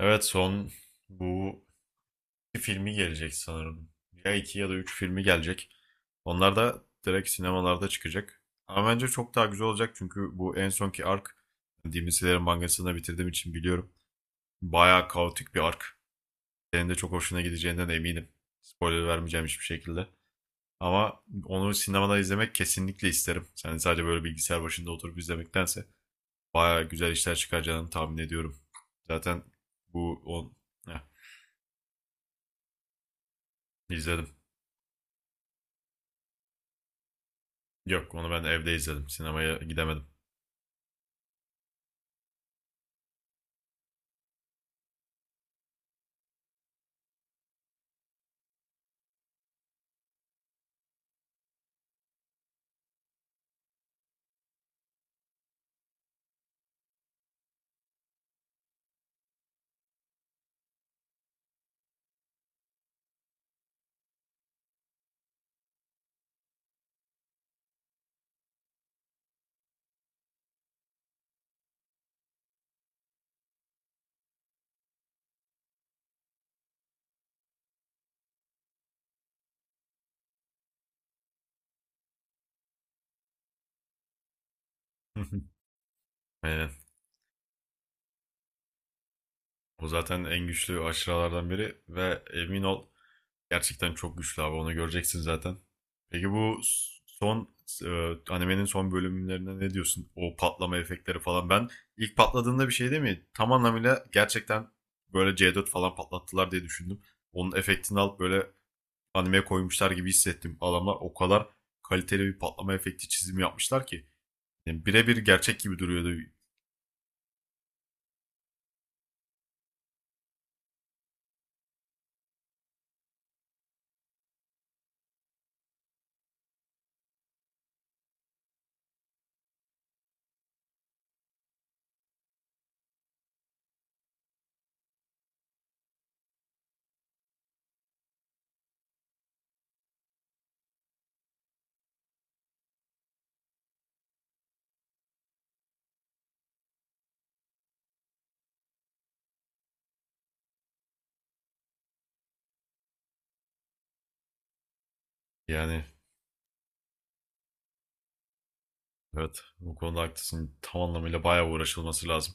Evet son bu iki filmi gelecek sanırım. Ya iki ya da üç filmi gelecek. Onlar da direkt sinemalarda çıkacak. Ama bence çok daha güzel olacak çünkü bu en sonki ark, yani Demon Slayer'ın mangasını da bitirdiğim için biliyorum. Bayağı kaotik bir ark. Senin de çok hoşuna gideceğinden eminim. Spoiler vermeyeceğim hiçbir şekilde. Ama onu sinemada izlemek kesinlikle isterim. Yani sadece böyle bilgisayar başında oturup izlemektense bayağı güzel işler çıkaracağını tahmin ediyorum. Zaten bu on... Heh, izledim. Yok onu ben evde izledim. Sinemaya gidemedim. Aynen. O zaten en güçlü aşıralardan biri ve emin ol gerçekten çok güçlü abi, onu göreceksin zaten. Peki bu son, animenin son bölümlerine ne diyorsun? O patlama efektleri falan. Ben ilk patladığında bir şey değil mi? Tam anlamıyla gerçekten böyle C4 falan patlattılar diye düşündüm. Onun efektini alıp böyle animeye koymuşlar gibi hissettim. Adamlar o kadar kaliteli bir patlama efekti çizimi yapmışlar ki. Yani birebir gerçek gibi duruyordu. Yani Evet, bu konuda haklısın. Tam anlamıyla bayağı uğraşılması lazım.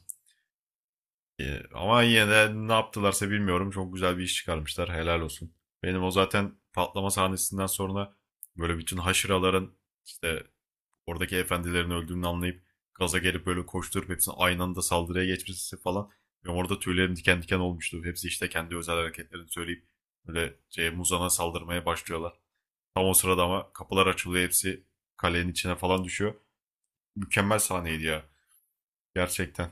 Ama yine de ne yaptılarsa bilmiyorum. Çok güzel bir iş çıkarmışlar. Helal olsun. Benim o zaten patlama sahnesinden sonra böyle bütün haşıraların, işte oradaki efendilerin öldüğünü anlayıp gaza gelip böyle koşturup hepsinin aynı anda saldırıya geçmesi falan. Benim orada tüylerim diken diken olmuştu. Hepsi işte kendi özel hareketlerini söyleyip böyle şey, Muzan'a saldırmaya başlıyorlar. Tam o sırada ama kapılar açılıyor. Hepsi kalenin içine falan düşüyor. Mükemmel sahneydi ya. Gerçekten.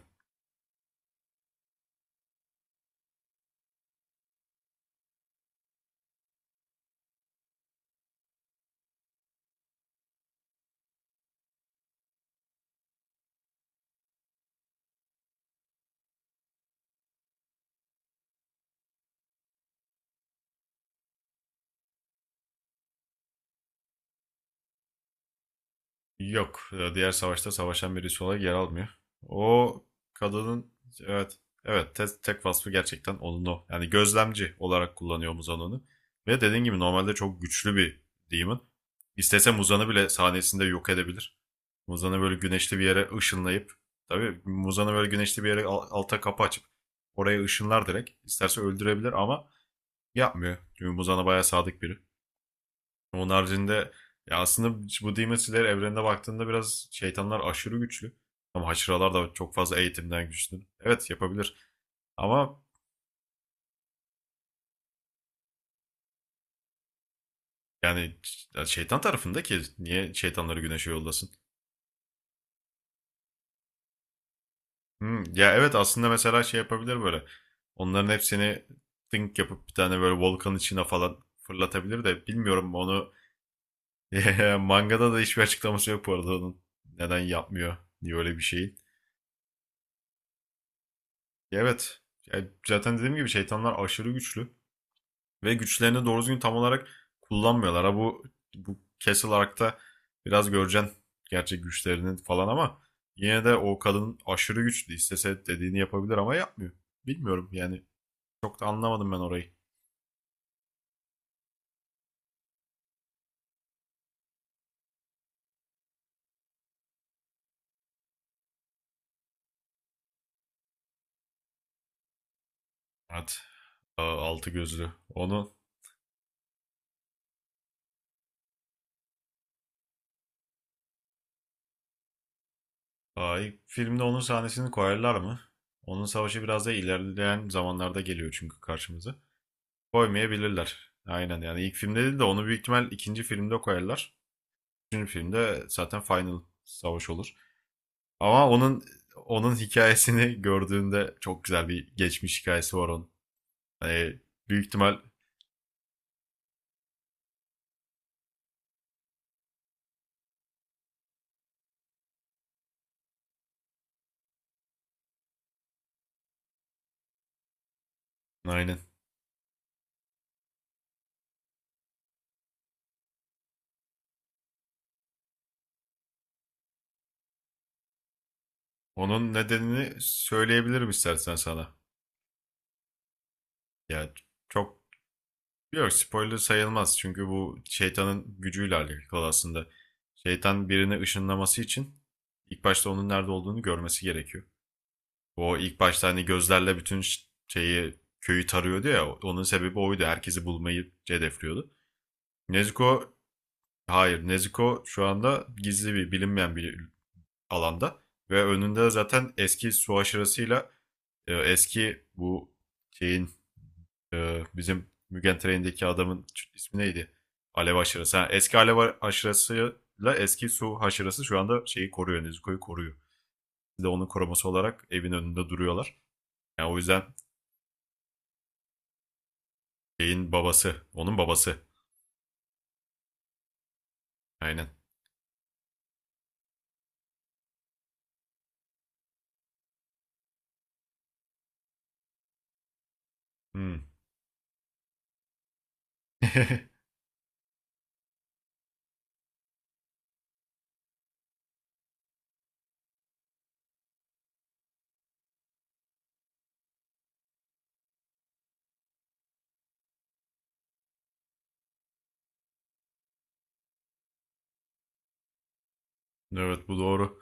Yok. Diğer savaşta savaşan birisi olarak yer almıyor. O kadının, evet, evet, tek vasfı gerçekten onun o. Yani gözlemci olarak kullanıyor Muzan'ı. Ve dediğin gibi normalde çok güçlü bir demon. İstese Muzan'ı bile sahnesinde yok edebilir. Muzan'ı böyle güneşli bir yere ışınlayıp, tabii Muzan'ı böyle güneşli bir yere alta kapı açıp oraya ışınlar direkt. İsterse öldürebilir ama yapmıyor. Çünkü Muzan'a bayağı sadık biri. Onun haricinde, ya aslında bu Demon Slayer evrenine baktığında biraz şeytanlar aşırı güçlü. Ama haşıralar da çok fazla eğitimden güçlü. Evet, yapabilir. Ama yani şeytan tarafında ki niye şeytanları güneşe yollasın? Hmm, ya evet, aslında mesela şey yapabilir böyle. Onların hepsini think yapıp bir tane böyle volkan içine falan fırlatabilir de, bilmiyorum onu. Mangada da hiçbir açıklaması yok bu arada onun neden yapmıyor diye öyle bir şeyi. Ya evet. Ya zaten dediğim gibi şeytanlar aşırı güçlü. Ve güçlerini doğru düzgün tam olarak kullanmıyorlar. Ha bu, bu Castle Ark'ta biraz göreceksin gerçek güçlerinin falan, ama yine de o kadın aşırı güçlü. İstese dediğini yapabilir ama yapmıyor. Bilmiyorum yani, çok da anlamadım ben orayı. Evet. Altı gözlü. Ay, filmde onun sahnesini koyarlar mı? Onun savaşı biraz da ilerleyen zamanlarda geliyor çünkü karşımıza. Koymayabilirler. Aynen yani ilk filmde değil de onu büyük ihtimal ikinci filmde koyarlar. Üçüncü filmde zaten final savaş olur. Ama onun hikayesini gördüğünde, çok güzel bir geçmiş hikayesi var onun. Hani büyük ihtimal, aynen. Onun nedenini söyleyebilirim istersen sana. Yani çok, yok, spoiler sayılmaz çünkü bu şeytanın gücüyle alakalı aslında. Şeytan birini ışınlaması için ilk başta onun nerede olduğunu görmesi gerekiyor. O ilk başta hani gözlerle bütün ş- şeyi köyü tarıyordu ya, onun sebebi oydu. Herkesi bulmayı hedefliyordu. Nezuko. Hayır, Nezuko şu anda gizli bir, bilinmeyen bir alanda, ve önünde zaten eski su aşırısıyla, eski bu şeyin, bizim Mugen Train'deki adamın ismi neydi? Alev aşırısı. Ha, eski alev aşırısıyla eski su aşırısı şu anda şeyi koruyor, Nezuko'yu koruyor. Bir de onun koruması olarak evin önünde duruyorlar. Yani o yüzden şeyin babası, onun babası. Aynen. Hmm. Evet, bu doğru.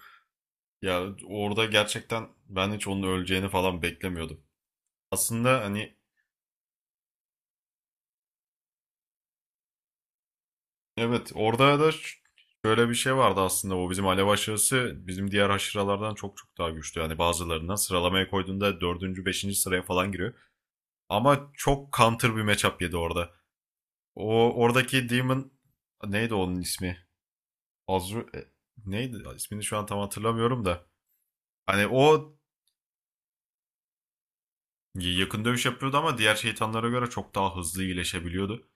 Ya orada gerçekten ben hiç onun öleceğini falan beklemiyordum. Aslında hani, evet, orada da şöyle bir şey vardı aslında, o bizim alev aşırısı bizim diğer aşıralardan çok çok daha güçlü. Yani bazılarından sıralamaya koyduğunda dördüncü beşinci sıraya falan giriyor. Ama çok counter bir matchup yedi orada. O oradaki Demon, neydi onun ismi? Azru, neydi? İsmini şu an tam hatırlamıyorum da. Hani o yakın dövüş yapıyordu ama diğer şeytanlara göre çok daha hızlı iyileşebiliyordu.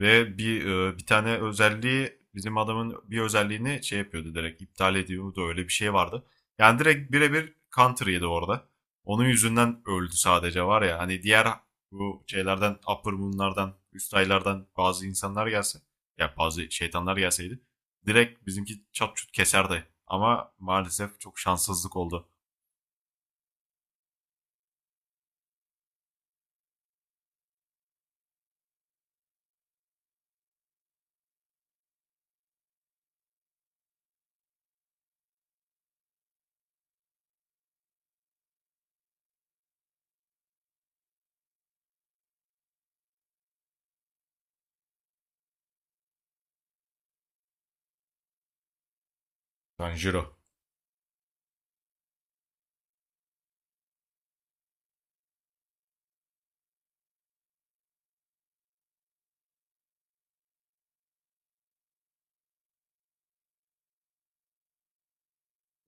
Ve bir tane özelliği, bizim adamın bir özelliğini şey yapıyordu, direkt iptal ediyordu, öyle bir şey vardı. Yani direkt birebir counter yedi orada. Onun yüzünden öldü sadece, var ya hani, diğer bu şeylerden, upper moonlardan, üst aylardan bazı insanlar gelse, ya bazı şeytanlar gelseydi, direkt bizimki çat çut keserdi. Ama maalesef çok şanssızlık oldu. Tanjiro.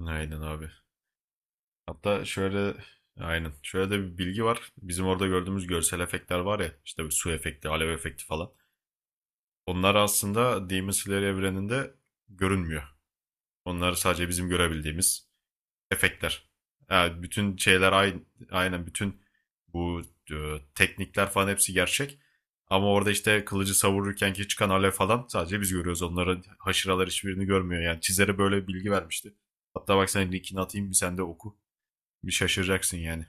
Aynen abi. Hatta şöyle, aynen, şöyle de bir bilgi var. Bizim orada gördüğümüz görsel efektler var ya, işte bir su efekti, alev efekti falan. Onlar aslında Demon Slayer evreninde görünmüyor. Onlar sadece bizim görebildiğimiz efektler. Yani bütün şeyler aynı, aynen, bütün bu e, teknikler falan hepsi gerçek. Ama orada işte kılıcı savururken ki çıkan alev falan sadece biz görüyoruz. Onların, haşıralar hiçbirini görmüyor. Yani çizere böyle bir bilgi vermişti. Hatta bak, sen linkini atayım bir, sen de oku. Bir şaşıracaksın yani.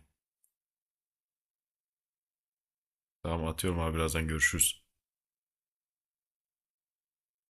Tamam atıyorum abi, birazdan görüşürüz.